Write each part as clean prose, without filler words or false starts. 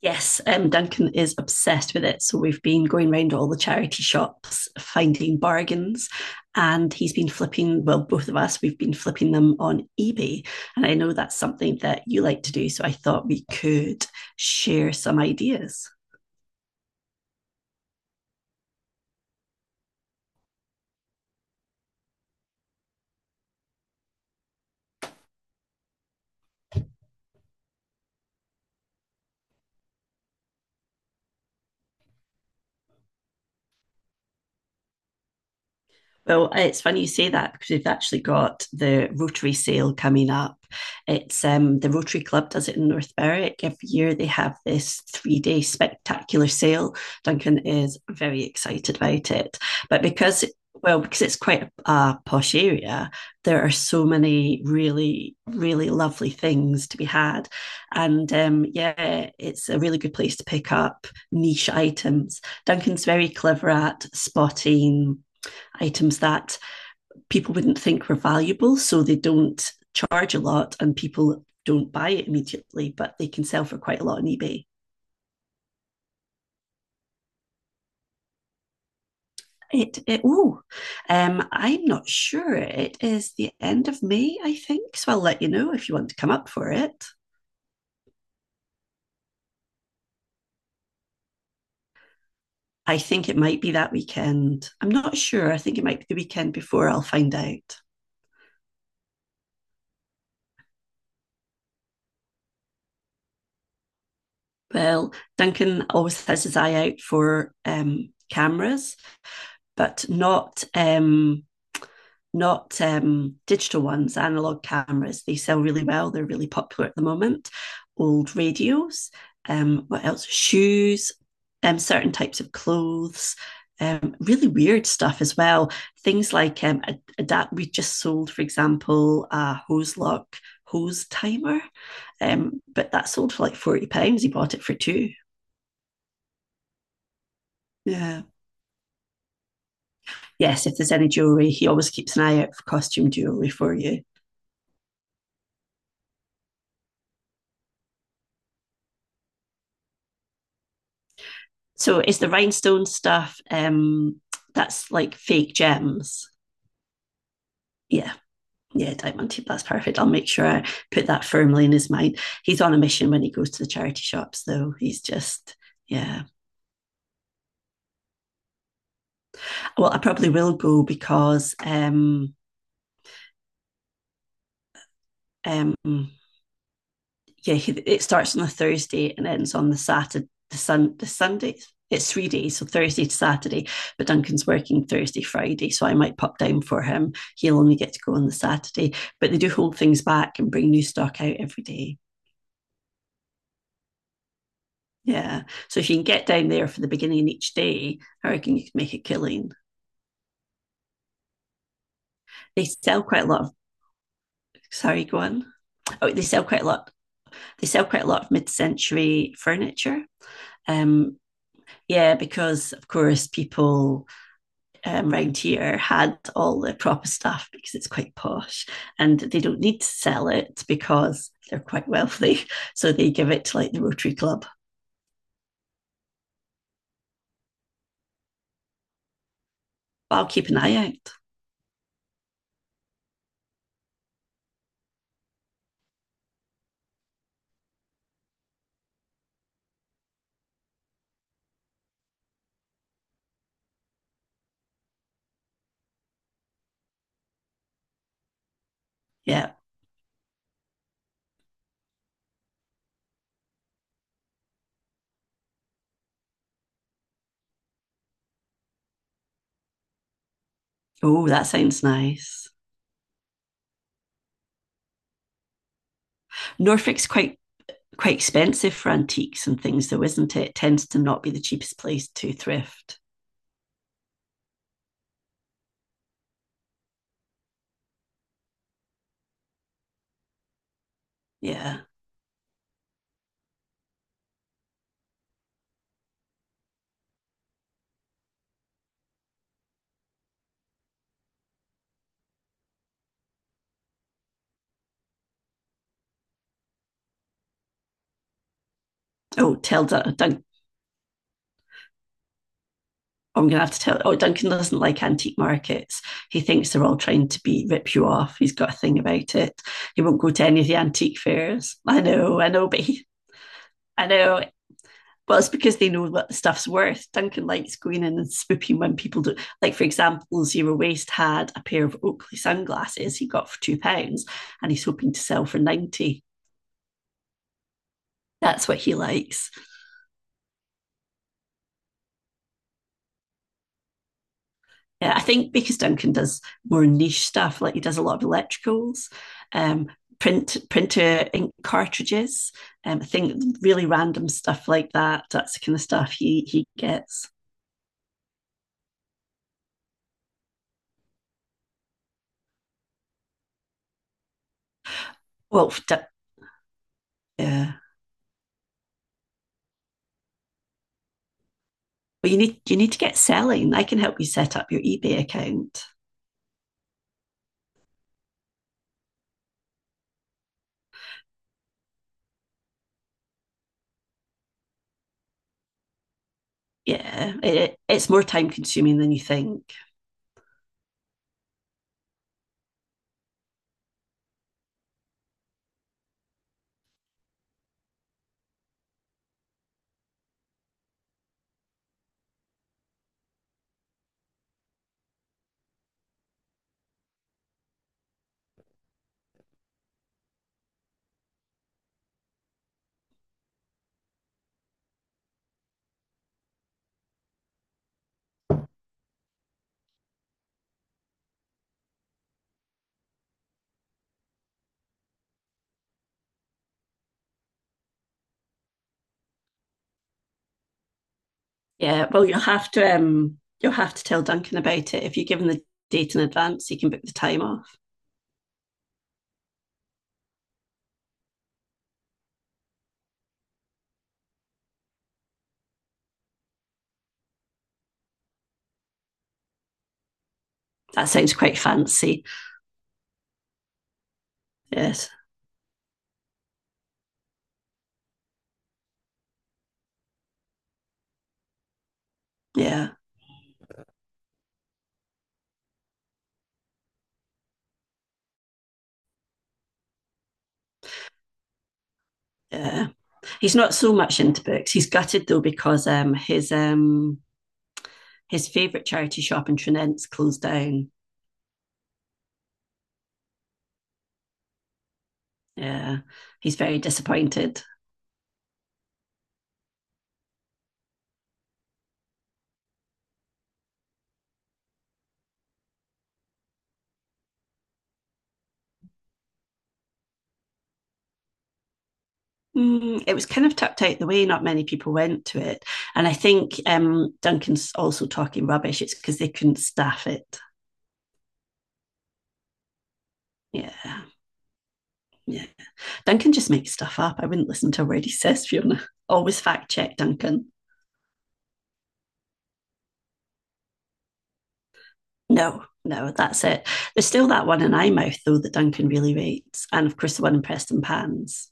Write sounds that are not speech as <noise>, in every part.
Yes, Duncan is obsessed with it. So we've been going round all the charity shops, finding bargains, and he's been flipping, well, both of us, we've been flipping them on eBay. And I know that's something that you like to do. So I thought we could share some ideas. Well, it's funny you say that because we've actually got the Rotary sale coming up. It's the Rotary Club does it in North Berwick. Every year they have this 3 day spectacular sale. Duncan is very excited about it. But because well, because it's quite a posh area, there are so many really, really lovely things to be had. And yeah, it's a really good place to pick up niche items. Duncan's very clever at spotting items that people wouldn't think were valuable, so they don't charge a lot and people don't buy it immediately, but they can sell for quite a lot on eBay. It oh, I'm not sure. It is the end of May, I think. So I'll let you know if you want to come up for it. I think it might be that weekend. I'm not sure. I think it might be the weekend before. I'll find out. Well, Duncan always has his eye out for cameras, but not not digital ones, analog cameras. They sell really well. They're really popular at the moment. Old radios. What else? Shoes. Certain types of clothes. Really weird stuff as well. Things like adapt. We just sold, for example, a hose lock hose timer, but that sold for like £40. He bought it for two. Yeah. Yes. If there's any jewelry, he always keeps an eye out for costume jewelry for you. So it's the rhinestone stuff that's like fake gems? Yeah. Yeah, diamond tip. That's perfect. I'll make sure I put that firmly in his mind. He's on a mission when he goes to the charity shops, though. He's just, yeah. Well, I probably will go because um, yeah, it starts on the Thursday and ends on the Saturday, the Sun, the Sunday. It's 3 days, so Thursday to Saturday. But Duncan's working Thursday, Friday, so I might pop down for him. He'll only get to go on the Saturday. But they do hold things back and bring new stock out every day. Yeah. So if you can get down there for the beginning of each day, I reckon you could make a killing. They sell quite a lot of sorry, go on. Oh, they sell quite a lot. They sell quite a lot of mid-century furniture. Um, yeah, because of course people round here had all the proper stuff because it's quite posh and they don't need to sell it because they're quite wealthy. <laughs> So they give it to like the Rotary Club. But I'll keep an eye out. Yeah. Oh, that sounds nice. Norfolk's quite expensive for antiques and things, though, isn't it? It tends to not be the cheapest place to thrift. Yeah. Oh, tell Doug I'm going to have to tell. Oh, Duncan doesn't like antique markets. He thinks they're all trying to be rip you off. He's got a thing about it. He won't go to any of the antique fairs. I know, but he, I know. Well, it's because they know what the stuff's worth. Duncan likes going in and swooping when people do. Like, for example, Zero Waste had a pair of Oakley sunglasses he got for £2, and he's hoping to sell for 90. That's what he likes. Yeah, I think because Duncan does more niche stuff, like he does a lot of electricals, um, printer ink cartridges, I think really random stuff like that. That's the kind of stuff he gets. Well, yeah. Well, you need to get selling. I can help you set up your eBay account. Yeah, it's more time consuming than you think. Yeah, well, you'll have to tell Duncan about it. If you give him the date in advance, he can book the time off. That sounds quite fancy. Yes, yeah, yeah. He's not so much into books. He's gutted though because his favourite charity shop in Trinent's closed down. Yeah, he's very disappointed. Mm, it was kind of tucked out the way. Not many people went to it, and I think Duncan's also talking rubbish. It's because they couldn't staff it. Yeah, yeah. Duncan just makes stuff up. I wouldn't listen to a word he says, Fiona. Always fact check, Duncan. No, no, that's it. There's still that one in Eyemouth though that Duncan really rates, and of course the one in Preston Pans.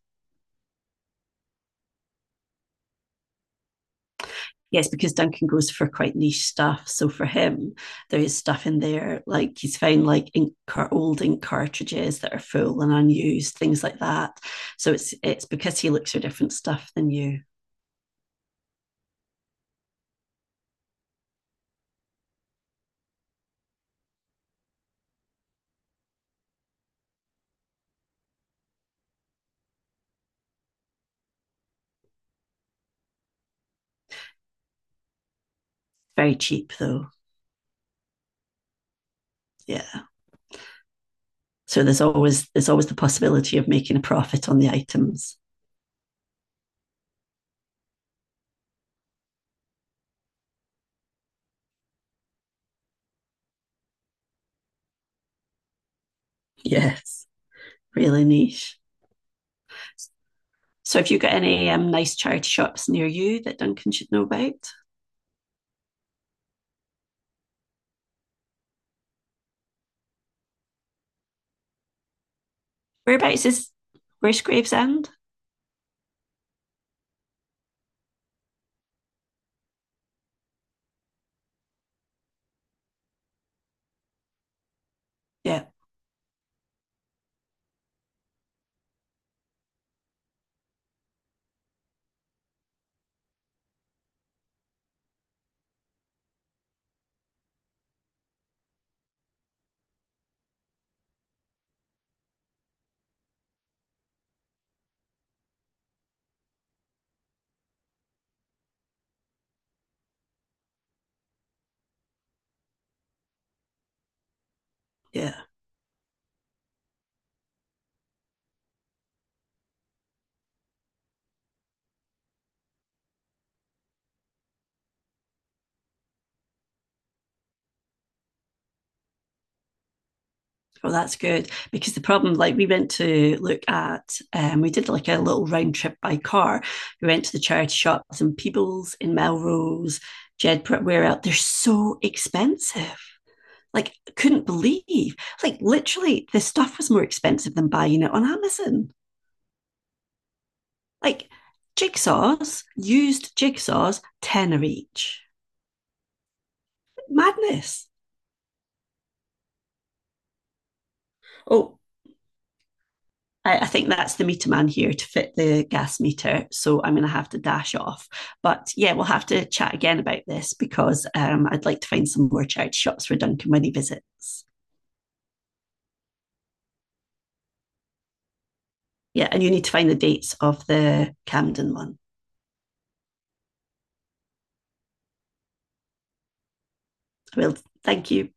Yes, because Duncan goes for quite niche stuff. So for him, there is stuff in there like he's found like ink old ink cartridges that are full and unused, things like that. So it's because he looks for different stuff than you. Very cheap though. Yeah. So there's always the possibility of making a profit on the items. Yes, really niche. So have you got any nice charity shops near you that Duncan should know about? Whereabouts is where's Gravesend? Yeah, yeah. Well, that's good because the problem, like, we went to look at, we did like a little round trip by car. We went to the charity shops in Peebles, in Melrose, Jedburgh, where out they're so expensive. Like, couldn't believe, like, literally, the stuff was more expensive than buying it on Amazon. Like, jigsaws, used jigsaws, tenner each. Madness. Oh, I think that's the meter man here to fit the gas meter. So I'm going to have to dash off. But yeah, we'll have to chat again about this because I'd like to find some more charity shops for Duncan when he visits. Yeah, and you need to find the dates of the Camden one. Well, thank you.